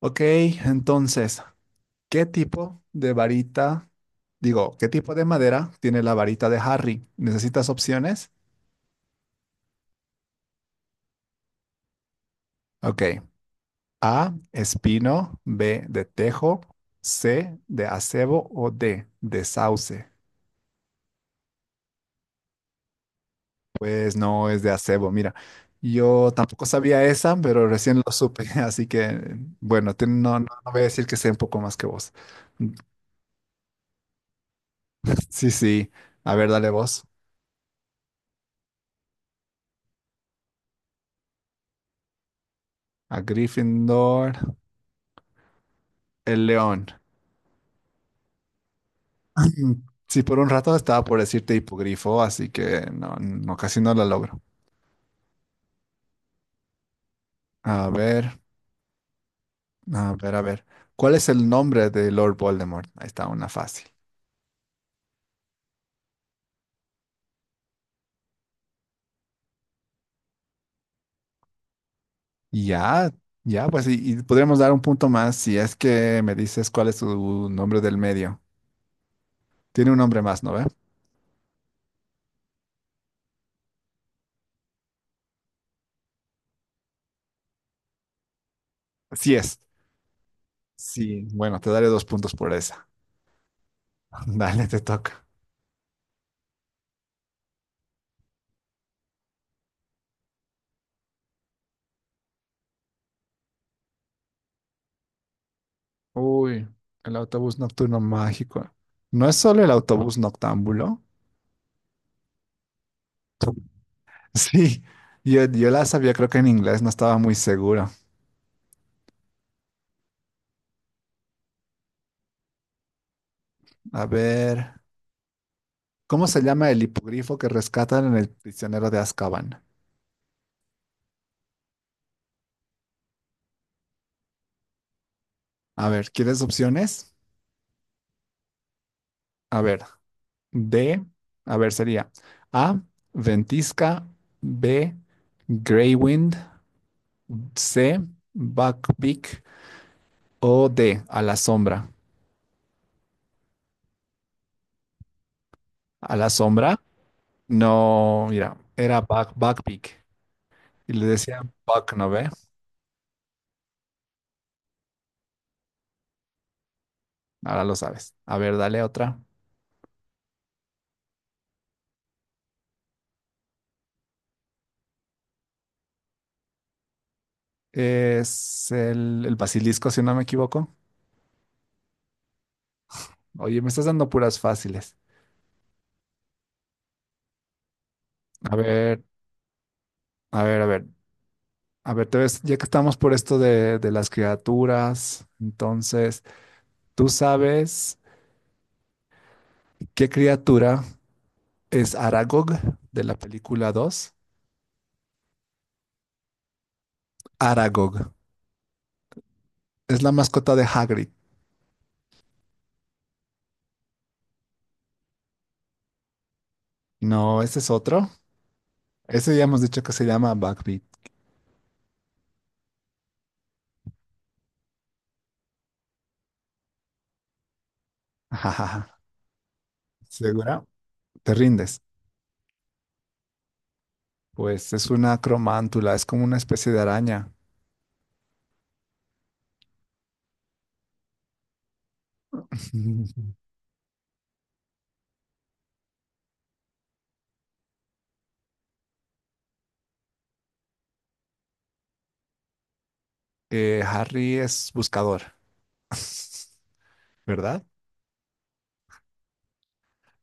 Ok, entonces, ¿qué tipo de varita, digo, qué tipo de madera tiene la varita de Harry? ¿Necesitas opciones? Ok, A, espino, B, de tejo, C, de acebo o D, de sauce. Pues no es de acebo, mira, yo tampoco sabía esa, pero recién lo supe, así que, bueno, no voy a decir que sé un poco más que vos. Sí, sí, a ver, dale vos. A Gryffindor, el león. Sí, por un rato estaba por decirte hipogrifo, así que no, casi no la logro. A ver, a ver. ¿Cuál es el nombre de Lord Voldemort? Ahí está una fácil. Ya, ya, pues, y podríamos dar un punto más si es que me dices cuál es su nombre del medio. Tiene un nombre más, ¿no ve? Sí es. Sí, bueno, te daré dos puntos por esa. Dale, te toca. Uy, el autobús nocturno mágico. ¿No es solo el autobús noctámbulo? Sí, yo la sabía, creo que en inglés no estaba muy seguro. A ver, ¿cómo se llama el hipogrifo que rescatan en el prisionero de Azkaban? A ver, ¿quieres opciones? A ver, D, a ver, sería A, Ventisca, B, Greywind, C, Buckbeak o D, a la sombra. A la sombra, no, mira, era Buckbeak y le decían Buck, ¿no ve? Ahora lo sabes. A ver, dale otra. Es el basilisco, si no me equivoco. Oye, me estás dando puras fáciles. A ver, a ver. A ver, te ves, ya que estamos por esto de las criaturas, entonces, ¿tú sabes qué criatura es Aragog de la película dos? Aragog. Es la mascota de Hagrid. No, ese es otro. Ese ya hemos dicho que se llama Buckbeak. Ajajaja. ¿Segura? ¿Te rindes? Pues es una cromántula, es como una especie de araña. Harry es buscador, ¿verdad?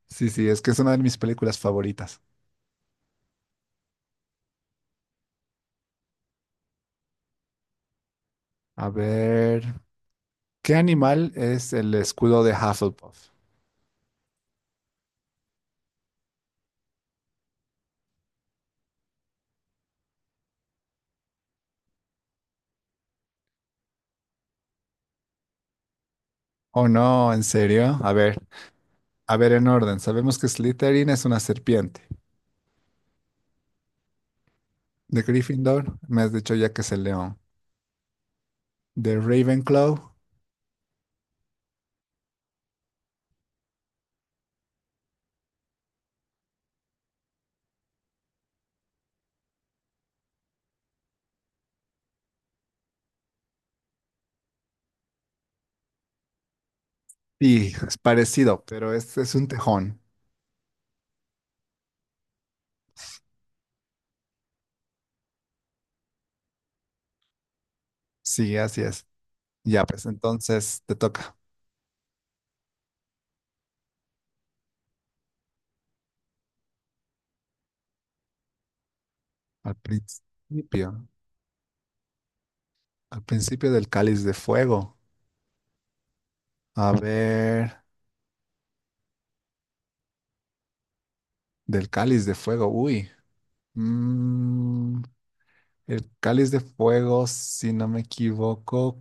Sí, sí, es que es una de mis películas favoritas. A ver, ¿qué animal es el escudo de Hufflepuff? Oh, no, ¿en serio? A ver en orden. Sabemos que Slytherin es una serpiente. De Gryffindor, me has dicho ya que es el león. De Ravenclaw, sí, es parecido, pero este es un tejón. Sí, así es. Ya, pues entonces te toca. Al principio, al principio del cáliz de fuego. A ver, del cáliz de fuego, uy. Mm, el cáliz de fuego, si no me equivoco.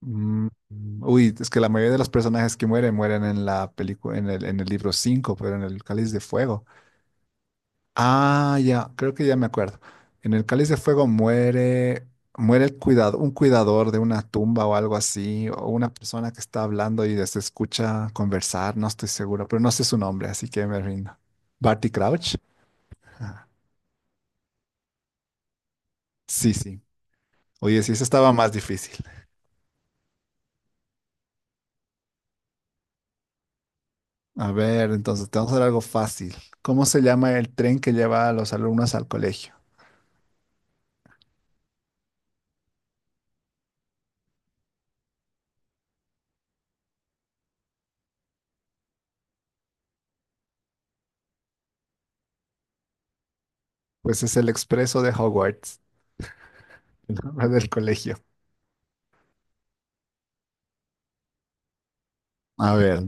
mm, uy, es que la mayoría de los personajes que mueren mueren en la película, en el libro 5, pero en el cáliz de fuego. Ah, ya, creo que ya me acuerdo. En el cáliz de fuego muere, muere el cuidado, un cuidador de una tumba o algo así, o una persona que está hablando y se escucha conversar, no estoy seguro, pero no sé su nombre, así que me rindo. Barty Crouch. Sí, sí. Oye, sí, eso estaba más difícil. A ver, entonces, te vamos a hacer algo fácil. ¿Cómo se llama el tren que lleva a los alumnos al colegio? Pues es el expreso de Hogwarts, el nombre del colegio. A ver.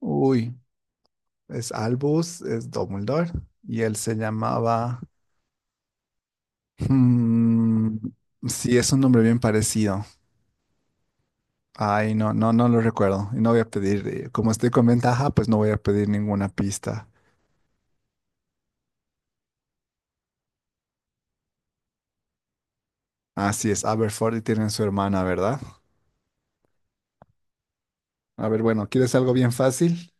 Uy, es Albus, es Dumbledore, y él se llamaba... mm, sí, es un nombre bien parecido. Ay, no, lo recuerdo. Y no voy a pedir, como estoy con ventaja, pues no voy a pedir ninguna pista. Así es, Aberforth y tienen su hermana, ¿verdad? A ver, bueno, ¿quieres algo bien fácil?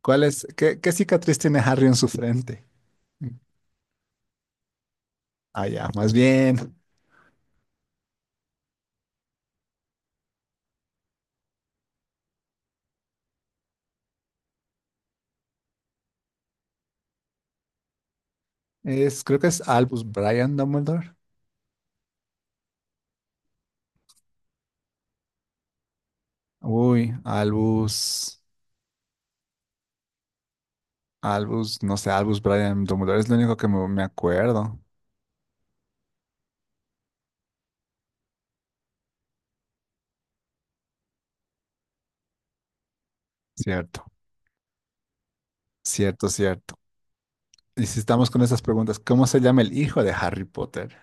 ¿Cuál es? ¿Qué cicatriz tiene Harry en su frente? Ah, ya, más bien. Es, creo que es Albus Brian Dumbledore. Uy, Albus. Albus, no sé, Albus Brian Dumbledore es lo único que me acuerdo. Cierto, cierto. Y si estamos con esas preguntas, ¿cómo se llama el hijo de Harry Potter?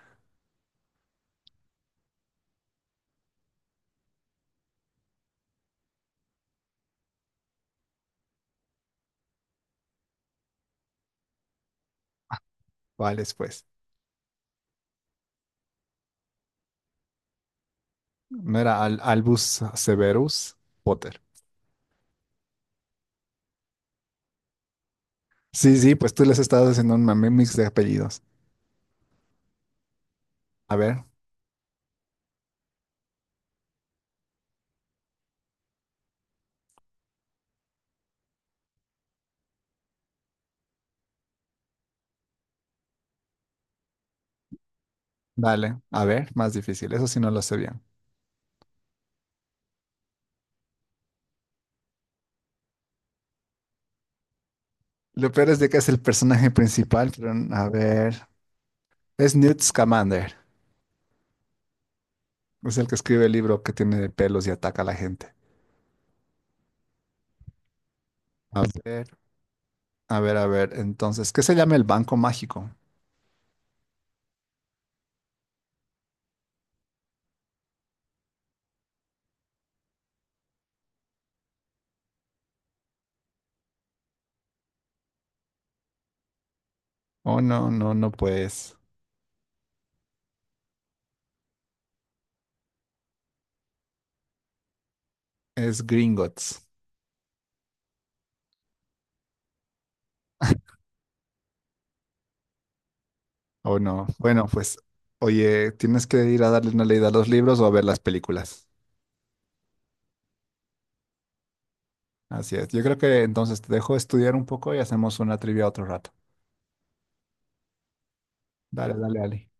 ¿Cuál es, pues? ¿No era Albus Severus Potter? Sí, sí, pues tú les estabas haciendo un mame mix de apellidos. A ver, vale, a ver, más difícil. Eso sí no lo sé bien. Lo peor es de que es el personaje principal, pero a ver. Es Newt Scamander. Es el que escribe el libro que tiene pelos y ataca a la gente. A ver, a ver. Entonces, ¿qué se llama el Banco Mágico? Oh, no, pues. Es Gringotts. Oh, no. Bueno, pues, oye, tienes que ir a darle una leída a los libros o a ver las películas. Así es. Yo creo que entonces te dejo estudiar un poco y hacemos una trivia otro rato. Dale, dale, Ali.